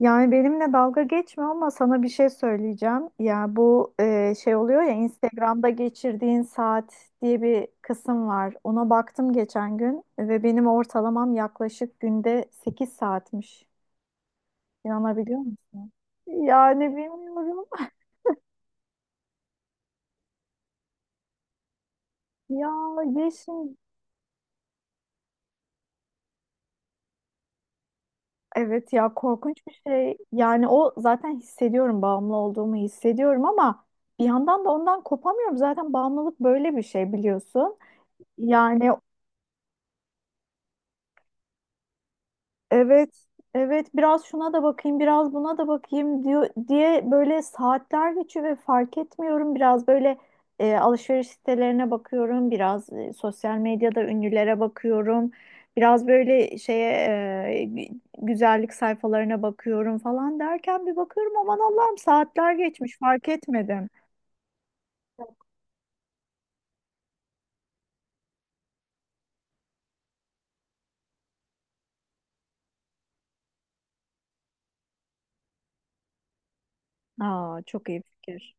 Yani benimle dalga geçme ama sana bir şey söyleyeceğim. Ya bu şey oluyor ya Instagram'da geçirdiğin saat diye bir kısım var. Ona baktım geçen gün ve benim ortalamam yaklaşık günde 8 saatmiş. İnanabiliyor musun? Yani bilmiyorum. Ya Yeşim, evet ya korkunç bir şey. Yani o zaten hissediyorum bağımlı olduğumu hissediyorum ama bir yandan da ondan kopamıyorum. Zaten bağımlılık böyle bir şey biliyorsun. Yani evet, evet biraz şuna da bakayım, biraz buna da bakayım diyor diye böyle saatler geçiyor ve fark etmiyorum. Biraz böyle alışveriş sitelerine bakıyorum, biraz sosyal medyada ünlülere bakıyorum. Biraz böyle şeye güzellik sayfalarına bakıyorum falan derken bir bakıyorum aman Allah'ım saatler geçmiş fark etmedim. Aa çok iyi fikir.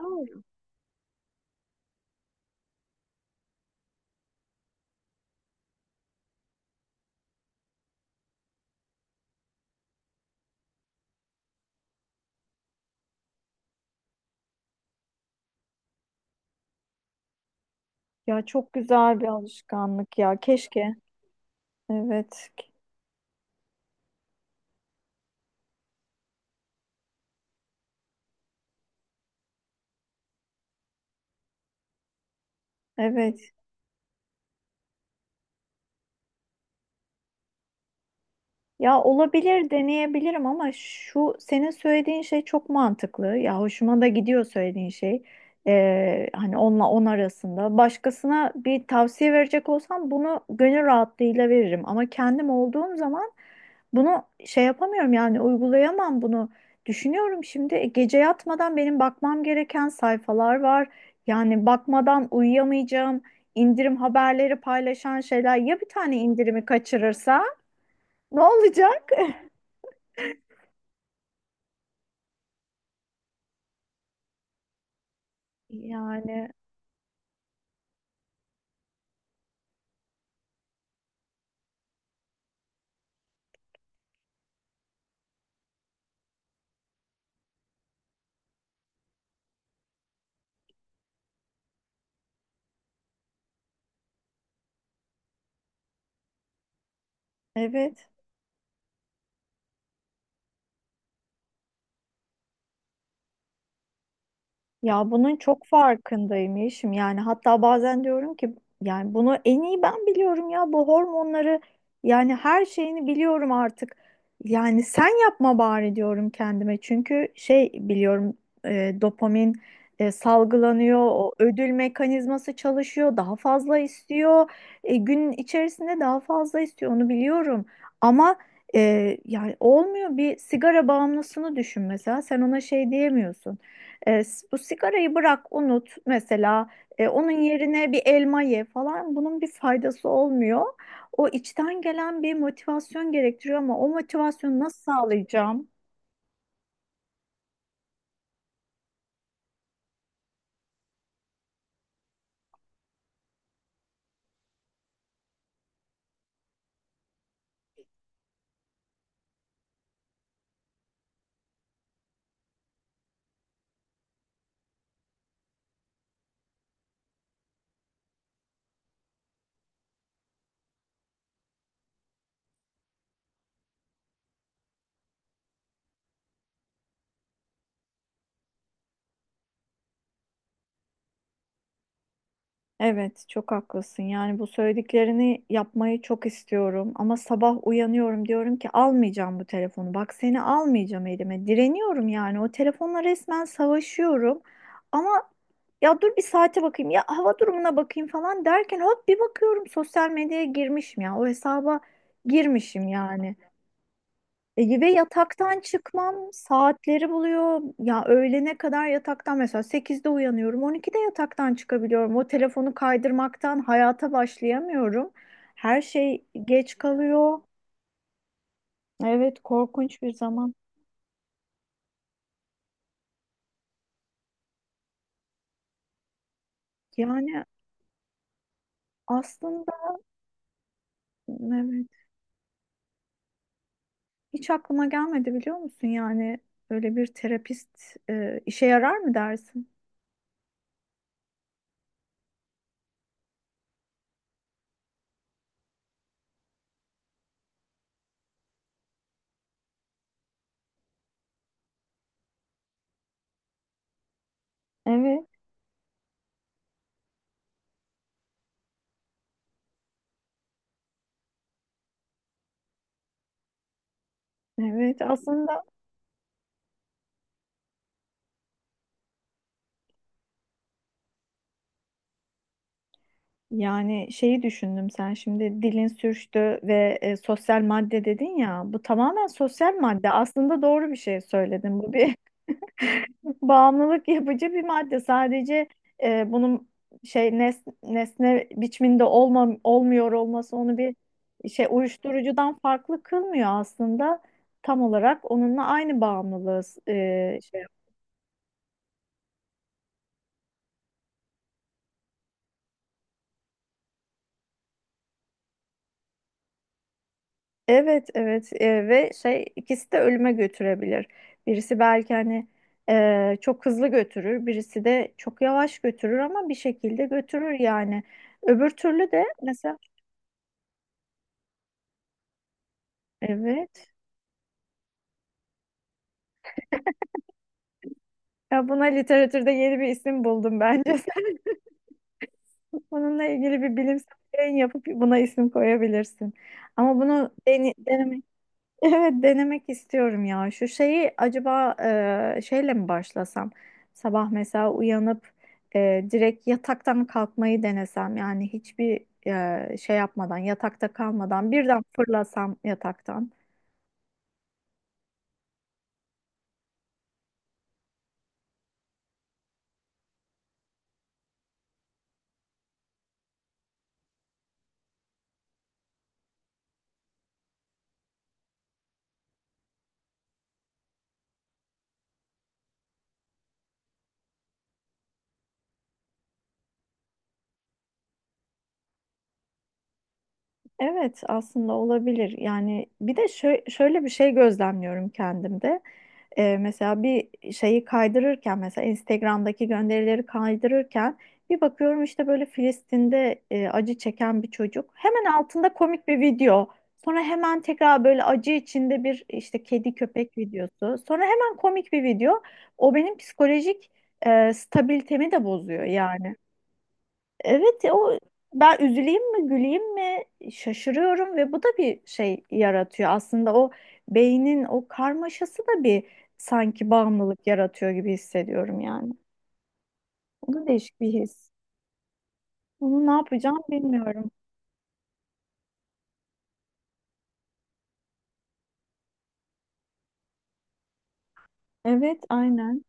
Doğru. Ya çok güzel bir alışkanlık ya. Keşke. Evet. Evet. Ya olabilir, deneyebilirim ama şu senin söylediğin şey çok mantıklı. Ya hoşuma da gidiyor söylediğin şey. Hani onunla 10 arasında. Başkasına bir tavsiye verecek olsam bunu gönül rahatlığıyla veririm. Ama kendim olduğum zaman bunu şey yapamıyorum yani uygulayamam bunu. Düşünüyorum şimdi gece yatmadan benim bakmam gereken sayfalar var. Yani bakmadan uyuyamayacağım. İndirim haberleri paylaşan şeyler. Ya bir tane indirimi kaçırırsa ne olacak? Yani evet. Ya bunun çok farkındayım Yeşim. Yani hatta bazen diyorum ki yani bunu en iyi ben biliyorum ya bu hormonları yani her şeyini biliyorum artık. Yani sen yapma bari diyorum kendime. Çünkü şey biliyorum dopamin salgılanıyor, o ödül mekanizması çalışıyor, daha fazla istiyor. Gün içerisinde daha fazla istiyor onu biliyorum. Ama yani olmuyor, bir sigara bağımlısını düşün mesela, sen ona şey diyemiyorsun. Bu sigarayı bırak unut mesela. Onun yerine bir elma ye falan, bunun bir faydası olmuyor. O içten gelen bir motivasyon gerektiriyor ama o motivasyonu nasıl sağlayacağım? Evet, çok haklısın. Yani bu söylediklerini yapmayı çok istiyorum ama sabah uyanıyorum diyorum ki almayacağım bu telefonu. Bak seni almayacağım elime. Direniyorum yani. O telefonla resmen savaşıyorum. Ama ya dur bir saate bakayım ya hava durumuna bakayım falan derken hop bir bakıyorum sosyal medyaya girmişim ya. O hesaba girmişim yani. Ve yataktan çıkmam saatleri buluyor. Ya öğlene kadar yataktan, mesela 8'de uyanıyorum, 12'de yataktan çıkabiliyorum. O telefonu kaydırmaktan hayata başlayamıyorum. Her şey geç kalıyor. Evet, korkunç bir zaman. Yani aslında evet, hiç aklıma gelmedi biliyor musun? Yani öyle bir terapist işe yarar mı dersin? Evet, evet. Aslında yani şeyi düşündüm, sen şimdi dilin sürçtü ve sosyal madde dedin ya, bu tamamen sosyal madde aslında, doğru bir şey söyledin, bu bir bağımlılık yapıcı bir madde, sadece bunun nesne biçiminde olma, olmuyor olması onu bir şey uyuşturucudan farklı kılmıyor aslında, tam olarak onunla aynı bağımlılığı e, şey evet, evet ve şey ikisi de ölüme götürebilir. Birisi belki hani çok hızlı götürür, birisi de çok yavaş götürür ama bir şekilde götürür yani. Öbür türlü de mesela evet ya, buna literatürde yeni bir isim buldum bence. Sen bununla ilgili bir bilimsel yayın yapıp buna isim koyabilirsin. Ama bunu dene, deneme- Evet, denemek istiyorum ya. Şu şeyi acaba şeyle mi başlasam? Sabah mesela uyanıp direkt yataktan kalkmayı denesem, yani hiçbir şey yapmadan, yatakta kalmadan birden fırlasam yataktan. Evet aslında olabilir. Yani bir de şöyle bir şey gözlemliyorum kendimde. Mesela bir şeyi kaydırırken, mesela Instagram'daki gönderileri kaydırırken bir bakıyorum işte böyle Filistin'de acı çeken bir çocuk. Hemen altında komik bir video. Sonra hemen tekrar böyle acı içinde bir işte kedi köpek videosu. Sonra hemen komik bir video. O benim psikolojik stabilitemi de bozuyor yani. Evet o ben üzüleyim mi güleyim mi şaşırıyorum ve bu da bir şey yaratıyor. Aslında o beynin o karmaşası da bir sanki bağımlılık yaratıyor gibi hissediyorum yani. O da değişik bir his. Bunu ne yapacağım bilmiyorum. Evet aynen.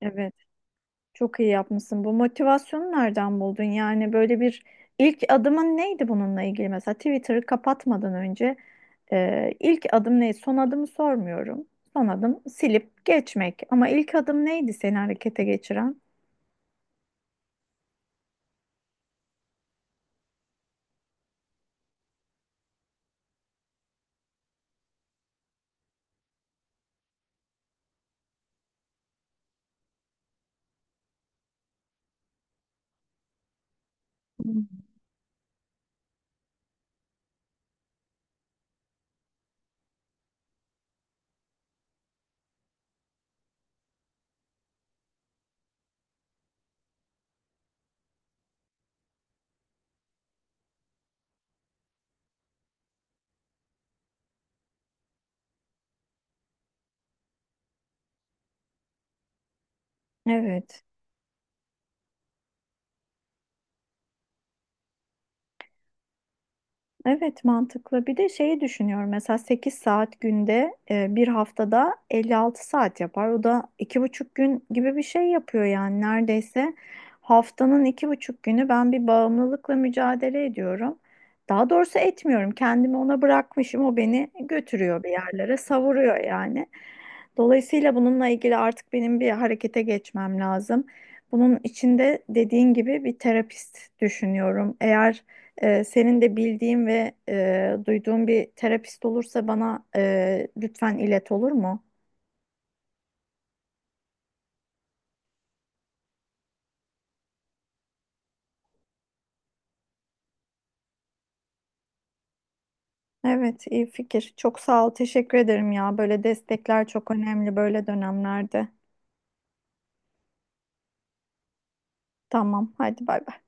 Evet. Çok iyi yapmışsın. Bu motivasyonu nereden buldun? Yani böyle bir ilk adımın neydi bununla ilgili? Mesela Twitter'ı kapatmadan önce ilk adım neydi? Son adımı sormuyorum. Son adım silip geçmek. Ama ilk adım neydi seni harekete geçiren? Hmm. Evet. Evet mantıklı. Bir de şeyi düşünüyorum. Mesela 8 saat günde bir haftada 56 saat yapar. O da 2,5 gün gibi bir şey yapıyor yani, neredeyse. Haftanın 2,5 günü ben bir bağımlılıkla mücadele ediyorum. Daha doğrusu etmiyorum. Kendimi ona bırakmışım. O beni götürüyor bir yerlere, savuruyor yani. Dolayısıyla bununla ilgili artık benim bir harekete geçmem lazım. Bunun içinde dediğin gibi bir terapist düşünüyorum. Eğer senin de bildiğin ve duyduğun bir terapist olursa bana lütfen ilet, olur mu? Evet, iyi fikir. Çok sağ ol, teşekkür ederim ya. Böyle destekler çok önemli böyle dönemlerde. Tamam, hadi bay bay.